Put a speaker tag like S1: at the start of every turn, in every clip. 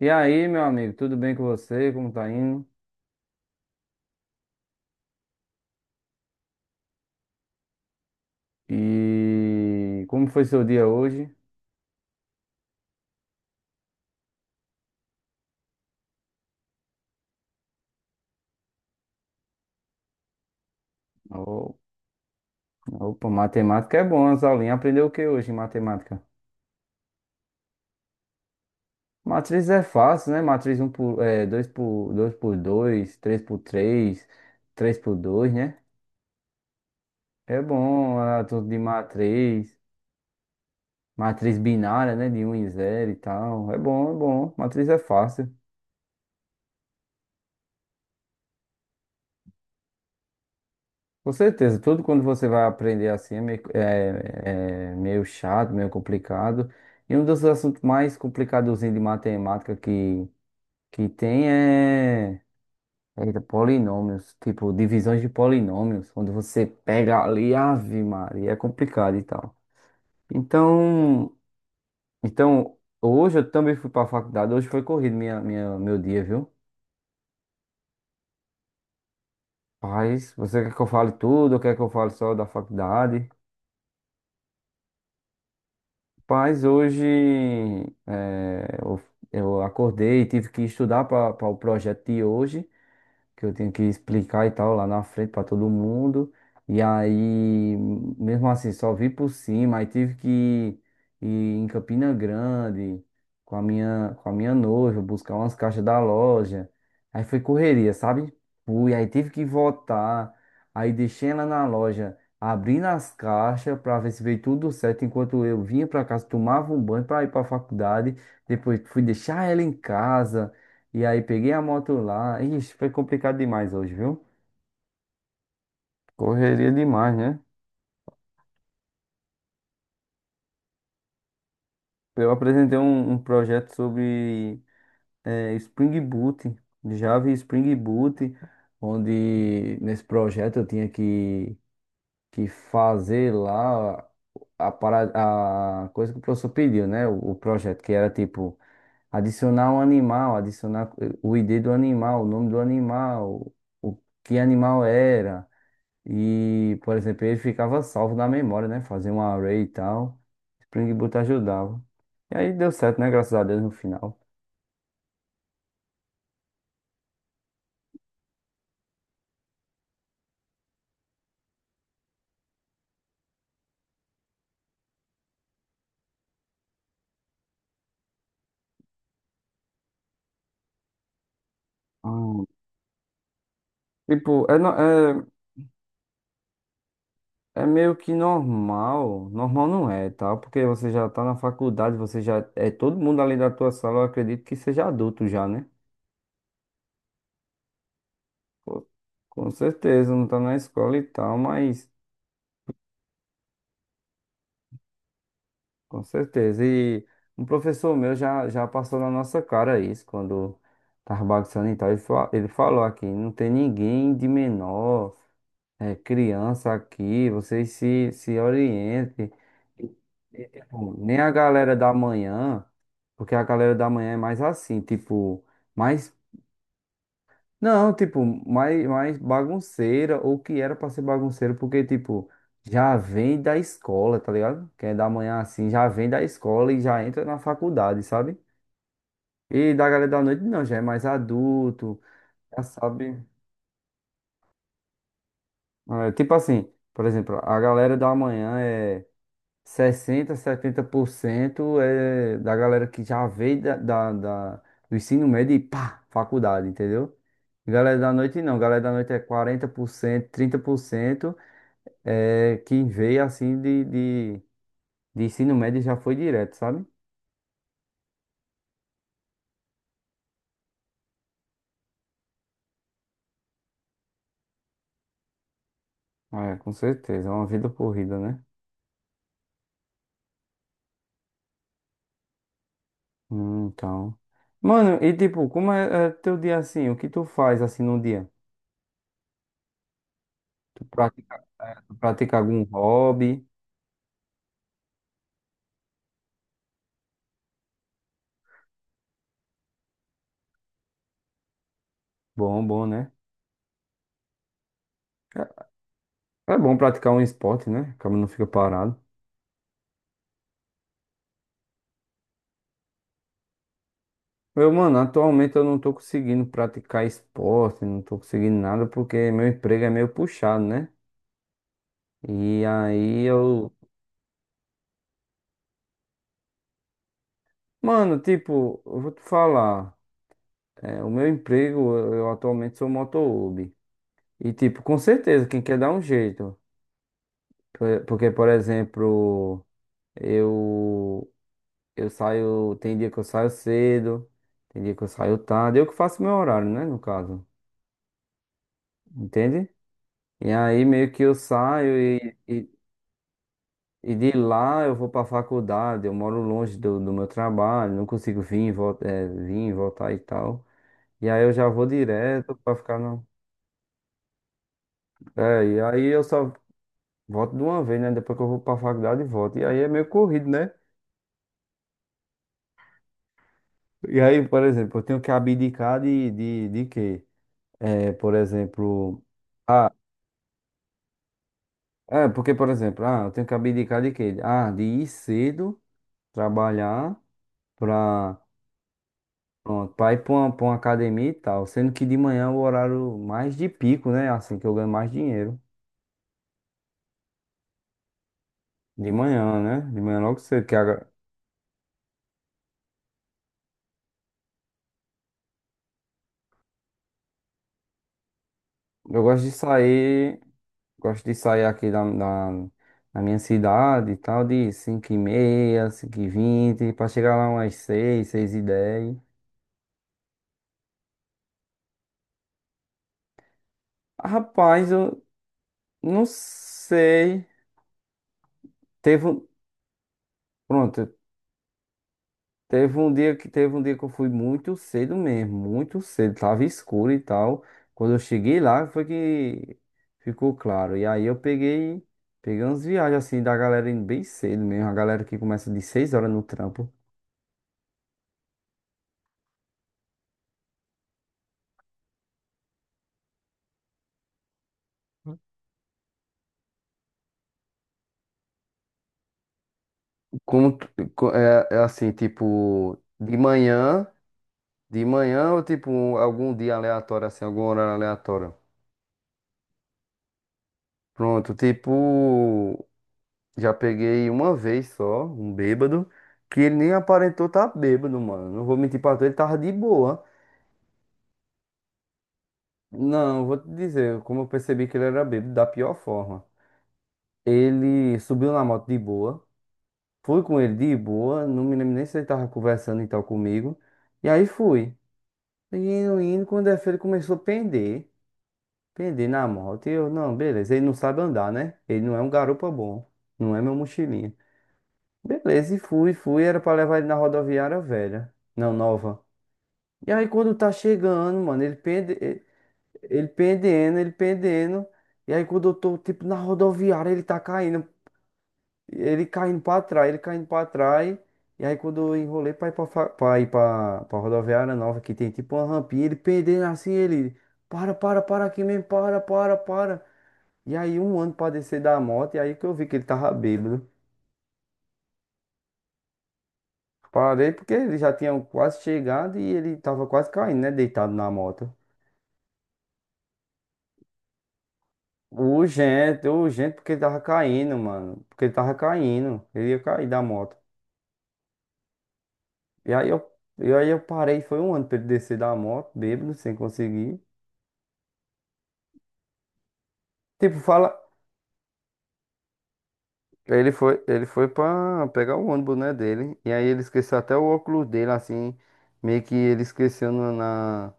S1: E aí, meu amigo, tudo bem com você? Como tá indo? E como foi seu dia hoje? Ô, Opa, matemática é bom, as aulinhas. Aprendeu o que hoje em matemática? Matriz é fácil, né? Matriz um por, 2 por 2 3 por 3 3 por dois, né? É bom, ah, tudo de matriz binária, né? De um e zero e tal. É bom, é bom. Matriz é fácil. Com certeza, tudo quando você vai aprender assim é meio, meio chato, meio complicado. E um dos assuntos mais complicados de matemática que tem é, polinômios, tipo divisões de polinômios, quando você pega ali, ave Maria, é complicado e tal. Então, então, hoje eu também fui para a faculdade, hoje foi corrido meu dia, viu? Mas você quer que eu fale tudo ou quer que eu fale só da faculdade? Paz, hoje eh, eu, eu acordei e tive que estudar para o projeto de hoje que eu tenho que explicar e tal lá na frente para todo mundo. E aí, mesmo assim, só vi por cima. Aí tive que ir em Campina Grande com a minha noiva, buscar umas caixas da loja. Aí foi correria, sabe? Fui, aí tive que voltar. Aí deixei ela na loja, abrindo as caixas para ver se veio tudo certo. Enquanto eu vinha para casa, tomava um banho para ir para a faculdade. Depois fui deixar ela em casa. E aí peguei a moto lá. Ixi, foi complicado demais hoje, viu? Correria demais, né? Eu apresentei um projeto sobre Spring Boot, Java e Spring Boot, onde nesse projeto eu tinha que fazer lá a coisa que o professor pediu, né? O projeto, que era tipo adicionar um animal, adicionar o ID do animal, o nome do animal, o que animal era. E, por exemplo, ele ficava salvo na memória, né? Fazia um array e tal. Spring Boot ajudava. E aí deu certo, né? Graças a Deus no final. Ah, tipo, é meio que normal. Normal não é, tá? Porque você já tá na faculdade, você já. É todo mundo ali da tua sala, eu acredito que seja adulto já, né? Pô, com certeza, não tá na escola e tal, mas. Com certeza. E um professor meu já passou na nossa cara isso, quando estava bagunçando e tal. Ele falou aqui: não tem ninguém de menor, criança aqui, vocês se orientem. E, e, tipo, nem a galera da manhã, porque a galera da manhã é mais assim, tipo, mais não, tipo, mais bagunceira, ou que era pra ser bagunceira, porque, tipo, já vem da escola, tá ligado? Quem é da manhã assim, já vem da escola e já entra na faculdade, sabe? E da galera da noite, não, já é mais adulto, já sabe. É, tipo assim, por exemplo, a galera da manhã é 60 70% é da galera que já veio do ensino médio e pá, faculdade, entendeu? Galera da noite não, galera da noite é 40% 30% quem veio assim de ensino médio já foi direto, sabe? É, com certeza, é uma vida corrida, né? Então. Mano, e tipo, como é teu dia assim? O que tu faz assim no dia? Tu pratica algum hobby? Bom, bom, né? É bom praticar um esporte, né? Acaba não fica parado. Eu, mano, atualmente eu não tô conseguindo praticar esporte, não tô conseguindo nada porque meu emprego é meio puxado, né? E aí eu. Mano, tipo, eu vou te falar. É, o meu emprego, eu atualmente sou motoboy. E, tipo, com certeza, quem quer dar um jeito. Porque, por exemplo, eu, eu saio. Tem dia que eu saio cedo, tem dia que eu saio tarde. Eu que faço meu horário, né? No caso. Entende? E aí, meio que eu saio e de lá eu vou pra faculdade. Eu moro longe do meu trabalho, não consigo vir, e voltar e tal. E aí eu já vou direto pra ficar no. É, e aí eu só volto de uma vez, né? Depois que eu vou pra faculdade, volto. E aí é meio corrido, né? E aí, por exemplo, eu tenho que abdicar de quê? É, por exemplo. É, porque, por exemplo, ah, eu tenho que abdicar de quê? Ah, de ir cedo, trabalhar pra. Pronto, pra ir pra uma, academia e tal. Sendo que de manhã é o horário mais de pico, né? Assim que eu ganho mais dinheiro. De manhã, né? De manhã logo cedo. Que agora- eu gosto de sair. Gosto de sair aqui da minha cidade e tal, de 5h30 5h20 pra chegar lá umas seis, 6h10. Rapaz, eu não sei. Teve um, pronto, teve um dia que teve um dia que eu fui muito cedo mesmo, muito cedo, tava escuro e tal. Quando eu cheguei lá foi que ficou claro. E aí eu peguei, peguei umas viagens assim da galera indo bem cedo mesmo, a galera que começa de 6 horas no trampo. Como tu- é, é assim, tipo, de manhã ou tipo um, algum dia aleatório, assim, algum horário aleatório. Pronto, tipo, já peguei uma vez só, um bêbado, que ele nem aparentou estar tá bêbado, mano. Não vou mentir pra tu, ele tava de boa. Não, vou te dizer, como eu percebi que ele era bêbado, da pior forma. Ele subiu na moto de boa, fui com ele de boa, não me lembro nem se ele tava conversando e tal comigo. E aí fui. Quando é feio, ele começou a pender. Pender na moto. E eu, não, beleza. Ele não sabe andar, né? Ele não é um garupa bom. Não é meu mochilinha. Beleza, e fui, fui. Era pra levar ele na rodoviária velha. Não, nova. E aí, quando tá chegando, mano, ele pende, ele pendendo, ele pendendo. E aí, quando eu tô, tipo, na rodoviária, ele tá caindo. Ele caindo pra trás, ele caindo pra trás. E aí quando eu enrolei pra ir pra, ir pra, pra rodoviária nova, que tem tipo uma rampinha, ele pendendo assim, ele. Para, para, para aqui mesmo, para, para, para. E aí um ano pra descer da moto, e aí que eu vi que ele tava bêbado. Parei porque ele já tinha quase chegado e ele tava quase caindo, né? Deitado na moto. Urgente, urgente, porque ele tava caindo, mano. Porque ele tava caindo. Ele ia cair da moto. E aí eu, e aí eu parei, foi um ano pra ele descer da moto, bêbado, sem conseguir. Tipo, fala. Ele foi pra pegar o ônibus, né, dele. E aí ele esqueceu até o óculos dele, assim. Meio que ele esqueceu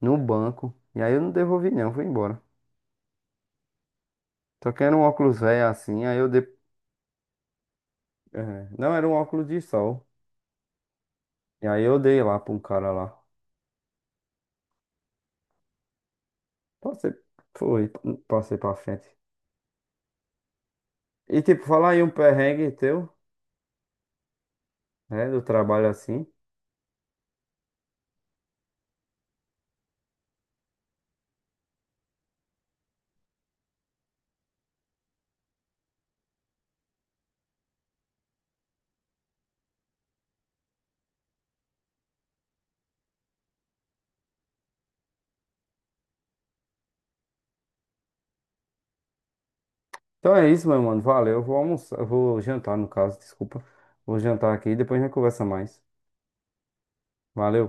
S1: no banco. E aí eu não devolvi, não, fui embora. Só que era um óculos velho assim, aí eu dei. É, não, era um óculos de sol. E aí eu dei lá pra um cara lá. Passei, foi, passei pra frente. E tipo, falar aí um perrengue teu, né, do trabalho assim. Então é isso, meu mano. Valeu. Eu vou almoçar, eu vou jantar, no caso, desculpa. Vou jantar aqui e depois a gente conversa mais. Valeu.